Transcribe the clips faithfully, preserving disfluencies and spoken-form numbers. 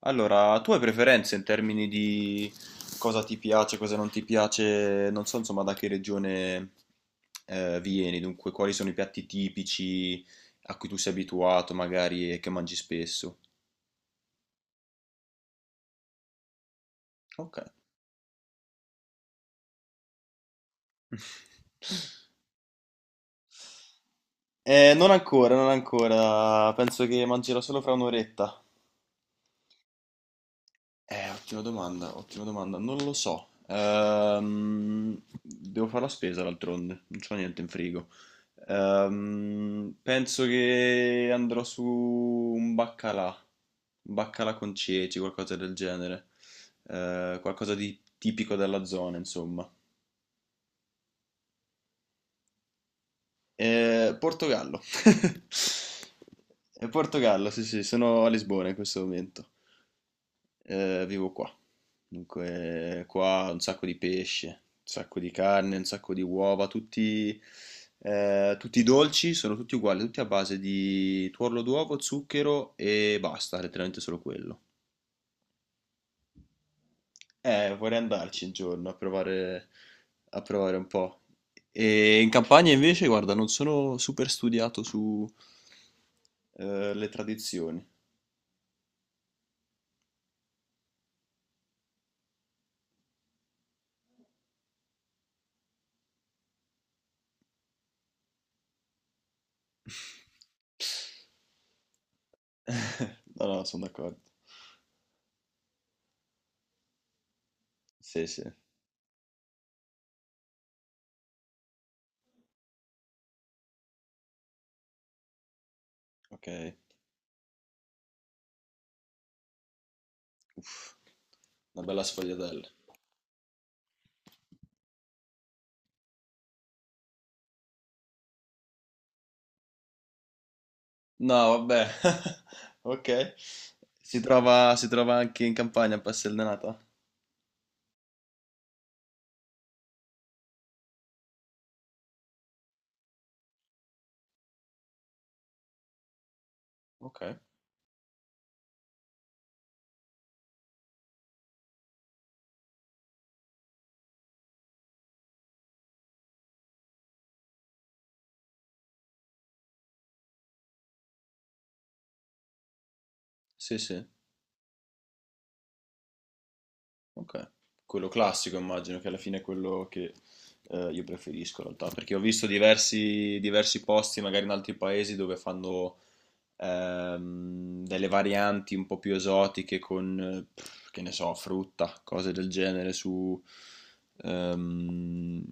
Allora, tu hai preferenze in termini di cosa ti piace, cosa non ti piace, non so insomma da che regione eh, vieni, dunque quali sono i piatti tipici a cui tu sei abituato magari e che mangi spesso. Ok. Eh, non ancora, non ancora, penso che mangerò solo fra un'oretta. Eh, ottima domanda, ottima domanda, non lo so. Ehm, devo fare la spesa d'altronde, non c'ho niente in frigo. Ehm, penso che andrò su un baccalà, un baccalà con ceci, qualcosa del genere, Eh, qualcosa di tipico della zona, insomma. Eh, Portogallo. Eh, Portogallo, sì, sì, sono a Lisbona in questo momento. Eh, vivo qua. Dunque, qua un sacco di pesce, un sacco di carne, un sacco di uova, tutti, eh, tutti i dolci sono tutti uguali, tutti a base di tuorlo d'uovo, zucchero e basta, letteralmente solo quello. Eh, vorrei andarci un giorno a provare, a provare un po'. E in campagna invece, guarda, non sono super studiato su, eh, le tradizioni. No, no, sono d'accordo. Sì, sì, ok. Uff, una bella sfogliatella. No, vabbè. Ok. Si trova, si trova anche in campagna a Passeldenata? Ok. Sì, sì. Ok. Quello classico immagino che alla fine è quello che eh, io preferisco in realtà, perché ho visto diversi, diversi posti magari in altri paesi dove fanno ehm, delle varianti un po' più esotiche con, eh, pff, che ne so, frutta, cose del genere su, ehm,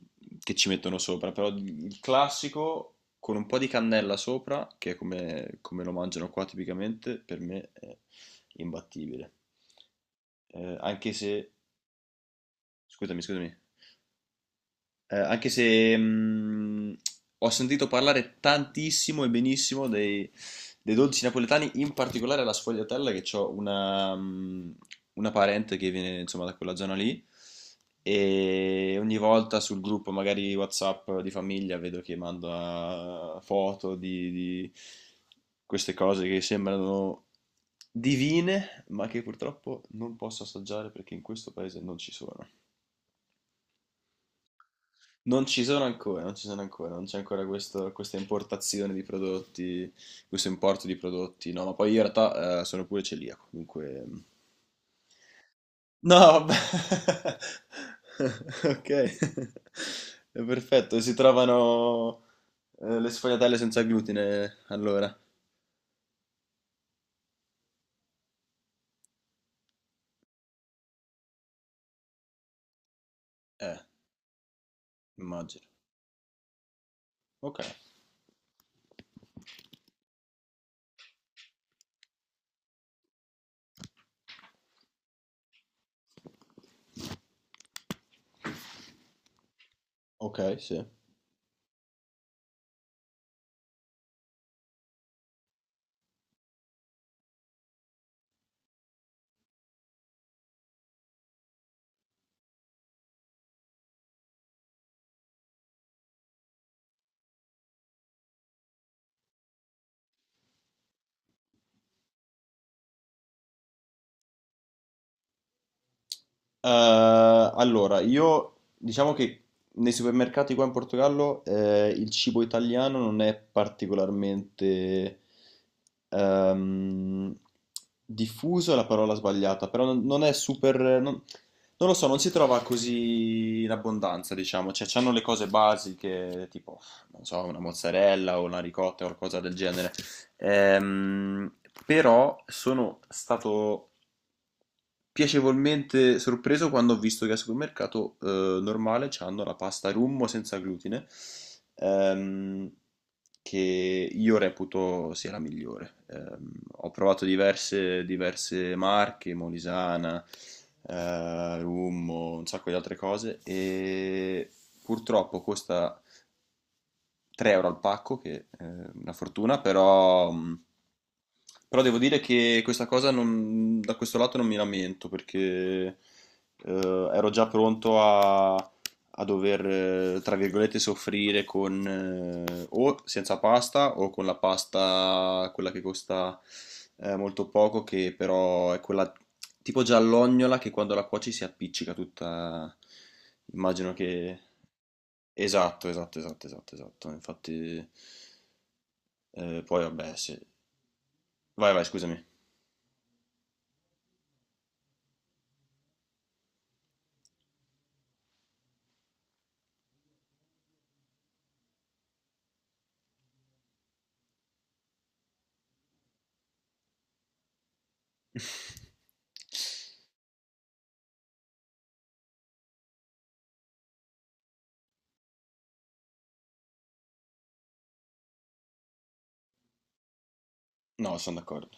che ci mettono sopra. Però il classico con un po' di cannella sopra, che è come, come lo mangiano qua tipicamente, per me è imbattibile. Eh, anche se, scusami, scusami. Eh, anche se mh, ho sentito parlare tantissimo e benissimo dei, dei dolci napoletani, in particolare la sfogliatella, che ho una, mh, una parente che viene insomma da quella zona lì. E ogni volta sul gruppo, magari WhatsApp di famiglia, vedo che manda foto di, di queste cose che sembrano divine, ma che purtroppo non posso assaggiare perché in questo paese non ci sono. Non ci sono ancora, non ci sono ancora, non c'è ancora questo- questa importazione di prodotti, questo importo di prodotti, no, ma poi io in realtà eh, sono pure celiaco, dunque... No, vabbè. Ok, è perfetto, si trovano eh, le sfogliatelle senza glutine, allora. Eh, immagino. Ok, ok, sì. Eh, allora, io diciamo che nei supermercati qua in Portogallo eh, il cibo italiano non è particolarmente ehm, diffuso, è la parola sbagliata, però non, non è super... Non, non lo so, non si trova così in abbondanza, diciamo, cioè c'hanno le cose basiche, tipo, non so, una mozzarella o una ricotta o qualcosa del genere. Ehm, Però sono stato piacevolmente sorpreso quando ho visto che al supermercato eh, normale c'hanno la pasta rummo senza glutine, ehm, che io reputo sia la migliore. Ehm, ho provato diverse, diverse marche, Molisana, eh, rummo, un sacco di altre cose e purtroppo costa tre euro al pacco, che è una fortuna, però, mh, però devo dire che questa cosa non- da questo lato non mi lamento perché eh, ero già pronto a, a dover, eh, tra virgolette, soffrire con eh, o senza pasta o con la pasta, quella che costa eh, molto poco, che però è quella tipo giallognola che quando la cuoci si appiccica tutta. Immagino che esatto, esatto, esatto, esatto, esatto. Infatti, eh, poi vabbè, sì. Vai, vai, scusami. No, sono d'accordo.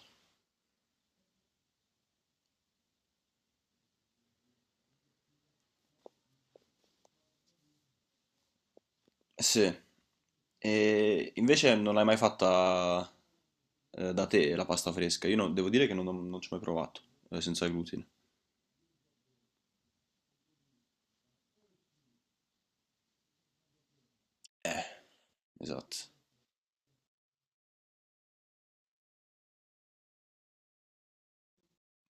Sì. E invece non l'hai mai fatta eh, da te la pasta fresca? Io non- devo dire che non, non ci ho mai provato, eh, senza glutine. Eh, esatto.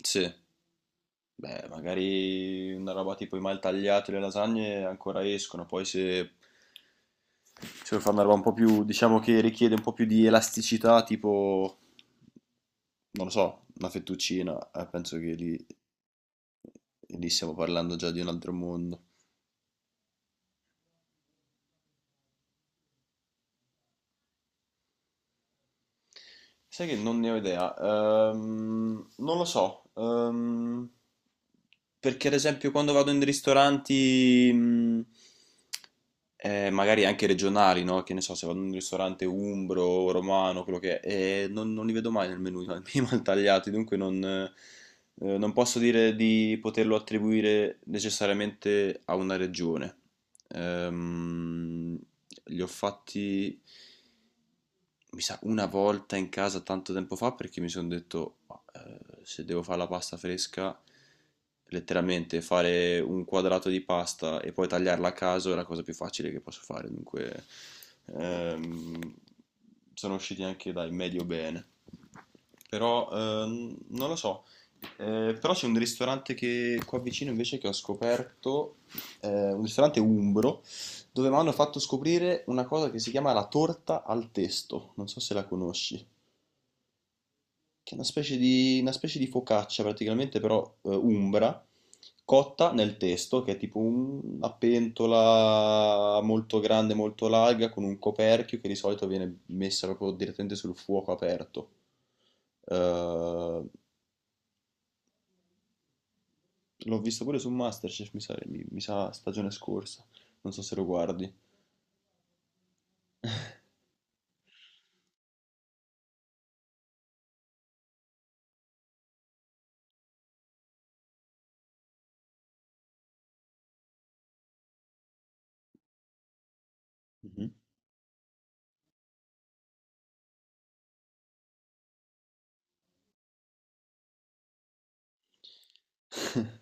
Sì. Beh, magari una roba tipo i maltagliati e le lasagne ancora escono, poi se, se vuoi fare una roba un po' più, diciamo che richiede un po' più di elasticità, tipo, non lo so, una fettuccina, eh, penso che lì, lì stiamo parlando già di un altro mondo. Sai che non ne ho idea. Ehm, non lo so. Ehm, perché ad esempio quando vado in ristoranti, mh, eh, magari anche regionali, no? Che ne so, se vado in un ristorante umbro, romano, quello che è, eh, non, non li vedo mai nel menù, i maltagliati, dunque non, eh, eh, non posso dire di poterlo attribuire necessariamente a una regione. Ehm, mh, li ho fatti, mi sa, una volta in casa tanto tempo fa perché mi sono detto, "Ma, eh, se devo fare la pasta fresca, letteralmente fare un quadrato di pasta e poi tagliarla a caso è la cosa più facile che posso fare. Dunque, ehm, sono usciti anche dai medio bene. Però ehm, non lo so. Eh, però c'è un ristorante che qua vicino invece che ho scoperto, eh, un ristorante umbro dove mi hanno fatto scoprire una cosa che si chiama la torta al testo, non so se la conosci, che è una specie di, una specie di focaccia praticamente, però eh, umbra, cotta nel testo, che è tipo un- una pentola molto grande, molto larga, con un coperchio che di solito viene messa proprio direttamente sul fuoco aperto. Eh, L'ho visto pure su MasterChef, mi sa, mi- mi sa stagione scorsa, non so se lo guardi. Mhm.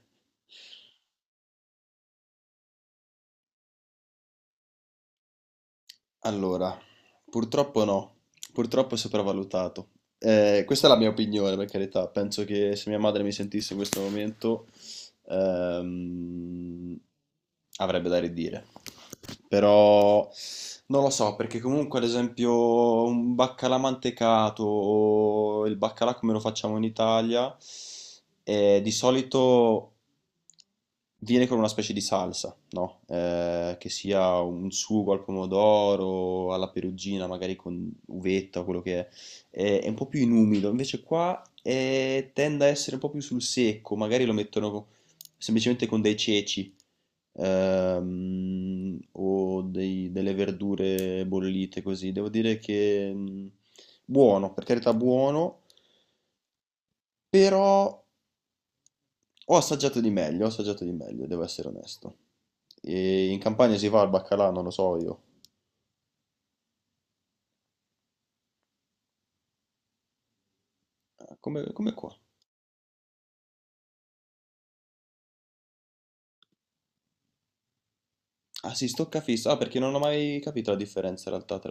Allora, purtroppo no, purtroppo è sopravvalutato. Eh, questa è la mia opinione, per carità. Penso che se mia madre mi sentisse in questo momento ehm, avrebbe da ridire. Però non lo so, perché comunque ad esempio un baccalà mantecato o il baccalà come lo facciamo in Italia, eh, di solito viene con una specie di salsa, no? Eh, che sia un sugo al pomodoro, alla perugina, magari con uvetta o quello che è. Eh, è un po' più inumido, invece qua eh, tende a essere un po' più sul secco, magari lo mettono semplicemente con dei ceci ehm, o dei- delle verdure bollite così. Devo dire che mm, buono, per carità buono, però ho assaggiato di meglio, ho assaggiato di meglio, devo essere onesto. E in Campania si fa il baccalà, non lo so io. Ah, come, come qua? Ah sì, stoccafisso. Ah, perché non ho mai capito la differenza in realtà